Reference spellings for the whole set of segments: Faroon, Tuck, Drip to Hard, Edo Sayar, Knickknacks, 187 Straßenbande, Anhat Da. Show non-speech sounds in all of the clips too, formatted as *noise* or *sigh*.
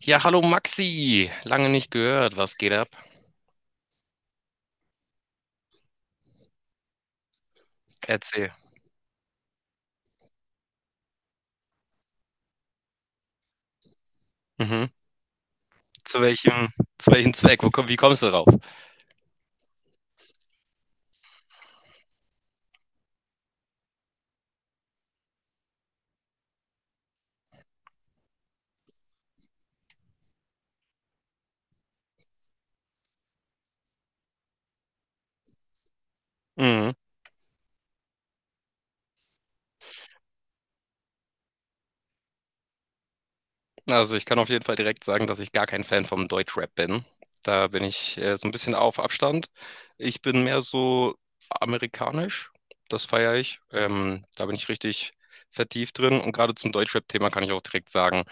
Ja, hallo Maxi, lange nicht gehört. Was geht ab? Erzähl. Mhm. Zu welchem, zu welchem Zweck? Wie kommst du drauf? Mhm. Also ich kann auf jeden Fall direkt sagen, dass ich gar kein Fan vom Deutschrap bin. Da bin ich so ein bisschen auf Abstand. Ich bin mehr so amerikanisch, das feiere ich. Da bin ich richtig vertieft drin. Und gerade zum Deutschrap-Thema kann ich auch direkt sagen,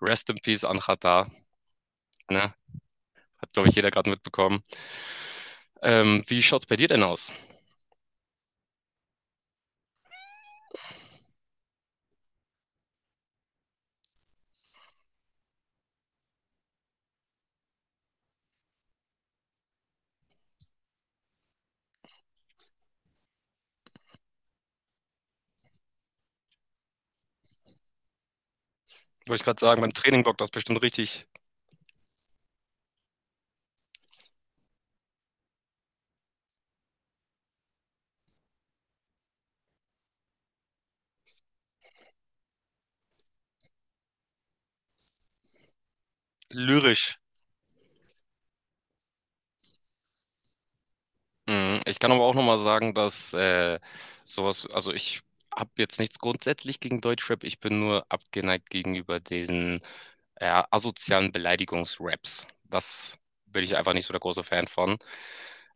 Rest in Peace Anhat Da, ne? Hat, glaube ich, jeder gerade mitbekommen. Wie schaut's bei dir denn aus? Wollte ich gerade sagen, beim Training bockt das bestimmt richtig lyrisch. Mhm. Ich kann aber auch nochmal sagen, dass also ich habe jetzt nichts grundsätzlich gegen Deutschrap, ich bin nur abgeneigt gegenüber diesen asozialen Beleidigungsraps. Das bin ich einfach nicht so der große Fan von.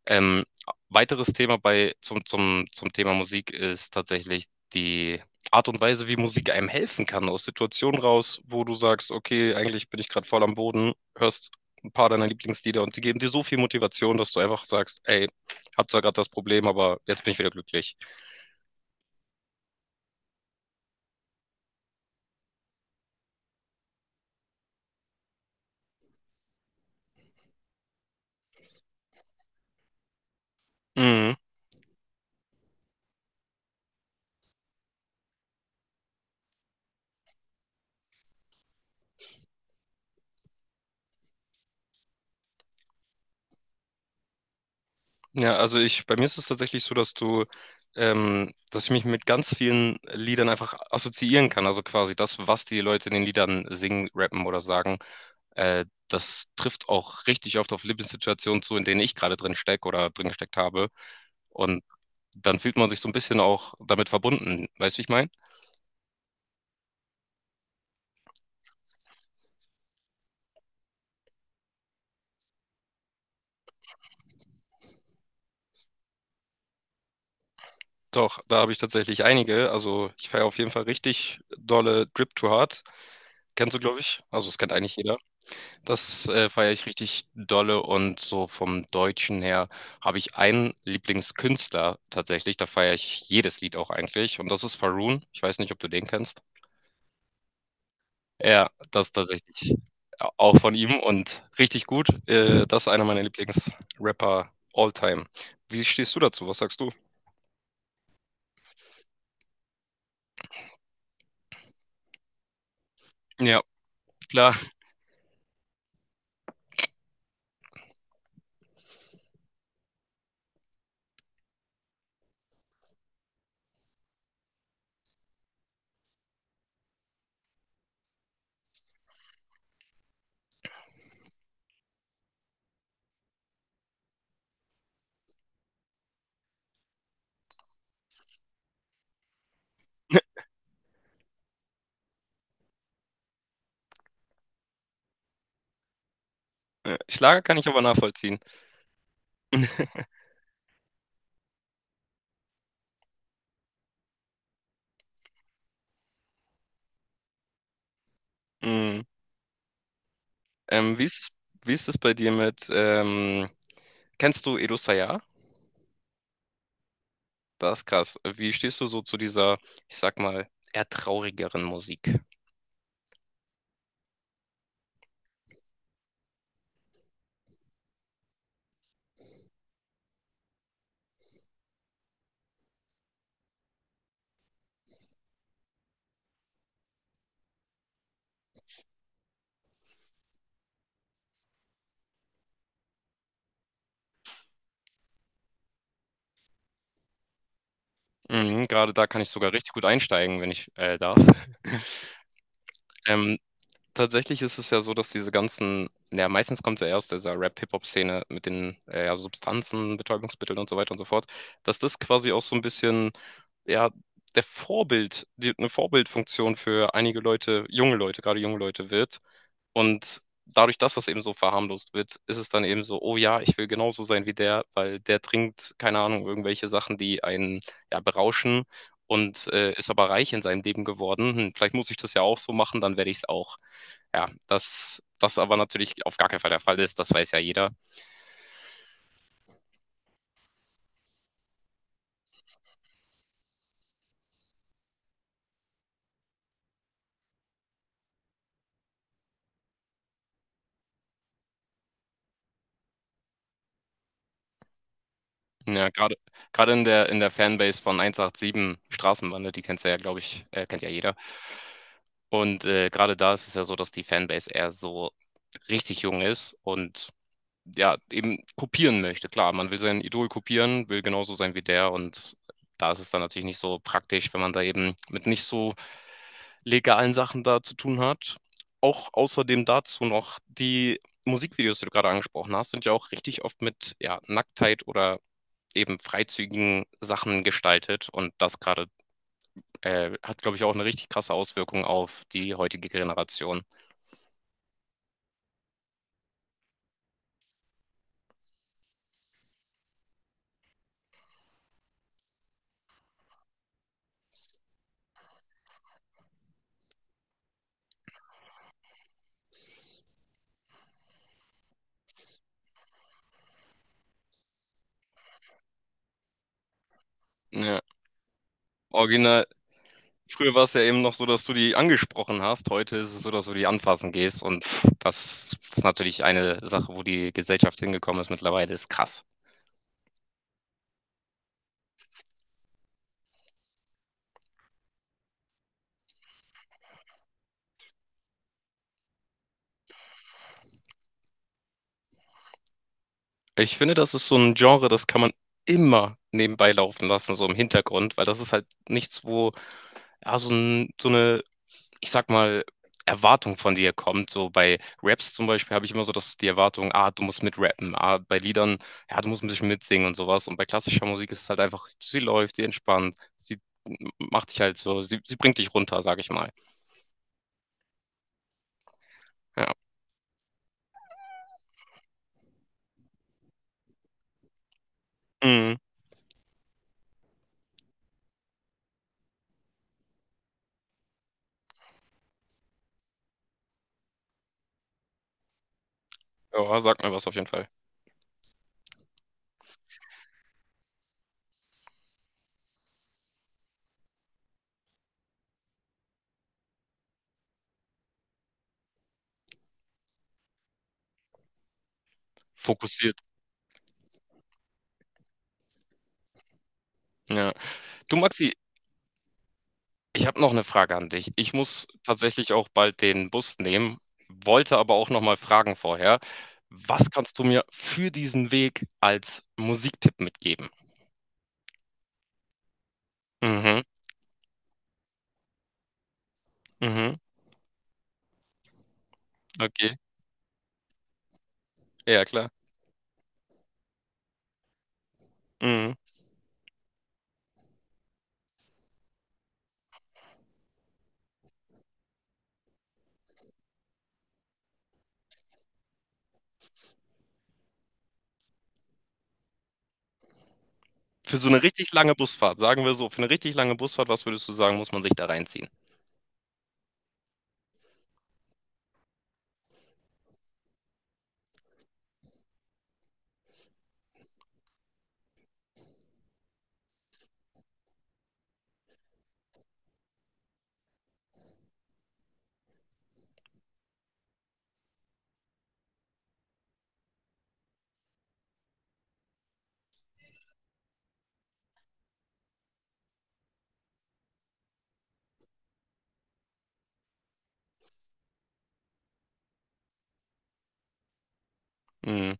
Ähm, Weiteres Thema zum Thema Musik ist tatsächlich die Art und Weise, wie Musik einem helfen kann, aus Situationen raus, wo du sagst, okay, eigentlich bin ich gerade voll am Boden, hörst ein paar deiner Lieblingslieder und die geben dir so viel Motivation, dass du einfach sagst, ey, hab zwar gerade das Problem, aber jetzt bin ich wieder glücklich. Mhm. Ja, bei mir ist es tatsächlich so, dass ich mich mit ganz vielen Liedern einfach assoziieren kann. Also quasi das, was die Leute in den Liedern singen, rappen oder sagen. Das trifft auch richtig oft auf Lebenssituationen zu, in denen ich gerade drin stecke oder drin gesteckt habe. Und dann fühlt man sich so ein bisschen auch damit verbunden. Weißt du, wie ich meine? Doch, da habe ich tatsächlich einige. Also ich feiere auf jeden Fall richtig dolle Drip to Hard. Kennst du, glaube ich? Also es kennt eigentlich jeder. Das feiere ich richtig dolle, und so vom Deutschen her habe ich einen Lieblingskünstler tatsächlich. Da feiere ich jedes Lied auch eigentlich. Und das ist Faroon. Ich weiß nicht, ob du den kennst. Ja, das tatsächlich a auch von ihm und richtig gut. Das ist einer meiner Lieblingsrapper all time. Wie stehst du dazu? Was sagst du? Ja, klar. Schlager kann ich aber nachvollziehen. *laughs* Mhm. Ähm, wie ist es wie ist es bei dir mit, kennst du Edo Sayar? Das ist krass. Wie stehst du so zu dieser, ich sag mal, eher traurigeren Musik? Mhm, grade da kann ich sogar richtig gut einsteigen, wenn ich, darf. Ähm tatsächlich ist es ja so, dass diese ganzen, ja, meistens kommt es ja aus dieser Rap-Hip-Hop-Szene mit den ja, Substanzen, Betäubungsmitteln und so weiter und so fort, dass das quasi auch so ein bisschen, ja, eine Vorbildfunktion für einige Leute, junge Leute, gerade junge Leute wird. Und dadurch, dass das eben so verharmlost wird, ist es dann eben so, oh ja, ich will genauso sein wie der, weil der trinkt, keine Ahnung, irgendwelche Sachen, die einen ja, berauschen. Und ist aber reich in seinem Leben geworden. Hm, vielleicht muss ich das ja auch so machen, dann werde ich es auch. Ja, dass das aber natürlich auf gar keinen Fall der Fall ist, das weiß ja jeder. Ja, gerade in der Fanbase von 187 Straßenbande, die kennst du ja, glaube ich kennt ja jeder. Und, gerade da ist es ja so, dass die Fanbase eher so richtig jung ist und ja, eben kopieren möchte. Klar, man will sein Idol kopieren, will genauso sein wie der, und da ist es dann natürlich nicht so praktisch, wenn man da eben mit nicht so legalen Sachen da zu tun hat. Auch außerdem dazu noch die Musikvideos, die du gerade angesprochen hast, sind ja auch richtig oft mit ja, Nacktheit oder eben freizügigen Sachen gestaltet, und das gerade hat, glaube ich, auch eine richtig krasse Auswirkung auf die heutige Generation. Ja. Original, früher war es ja eben noch so, dass du die angesprochen hast. Heute ist es so, dass du die anfassen gehst. Und pff, das ist natürlich eine Sache, wo die Gesellschaft hingekommen ist mittlerweile, ist krass. Ich finde, das ist so ein Genre, das kann man immer nebenbei laufen lassen, so im Hintergrund, weil das ist halt nichts, wo ja, so eine, ich sag mal, Erwartung von dir kommt. So bei Raps zum Beispiel habe ich immer so, dass die Erwartung, ah, du musst mitrappen. Ah, bei Liedern, ja, du musst ein bisschen mitsingen und sowas. Und bei klassischer Musik ist es halt einfach, sie läuft, sie entspannt, sie macht dich halt so, sie bringt dich runter, sag ich mal. Ja. Mhm. Ja, sag mir was auf jeden Fall. Fokussiert. Ja. Du, Maxi, ich habe noch eine Frage an dich. Ich muss tatsächlich auch bald den Bus nehmen, wollte aber auch noch mal fragen vorher, was kannst du mir für diesen Weg als Musiktipp mitgeben? Mhm, mhm, okay. Ja, klar. Mhm. Für so 'ne richtig lange Busfahrt, sagen wir so, für 'ne richtig lange Busfahrt, was würdest du sagen, muss man sich da reinziehen? Mhm.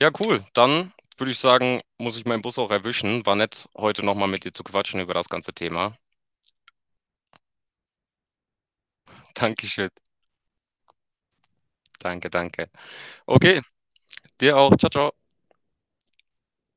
Ja, cool. Dann würde ich sagen, muss ich meinen Bus auch erwischen. War nett, heute noch mal mit dir zu quatschen über das ganze Thema. *laughs* Dankeschön. Danke, danke. Okay, dir auch. Tschau, tschau.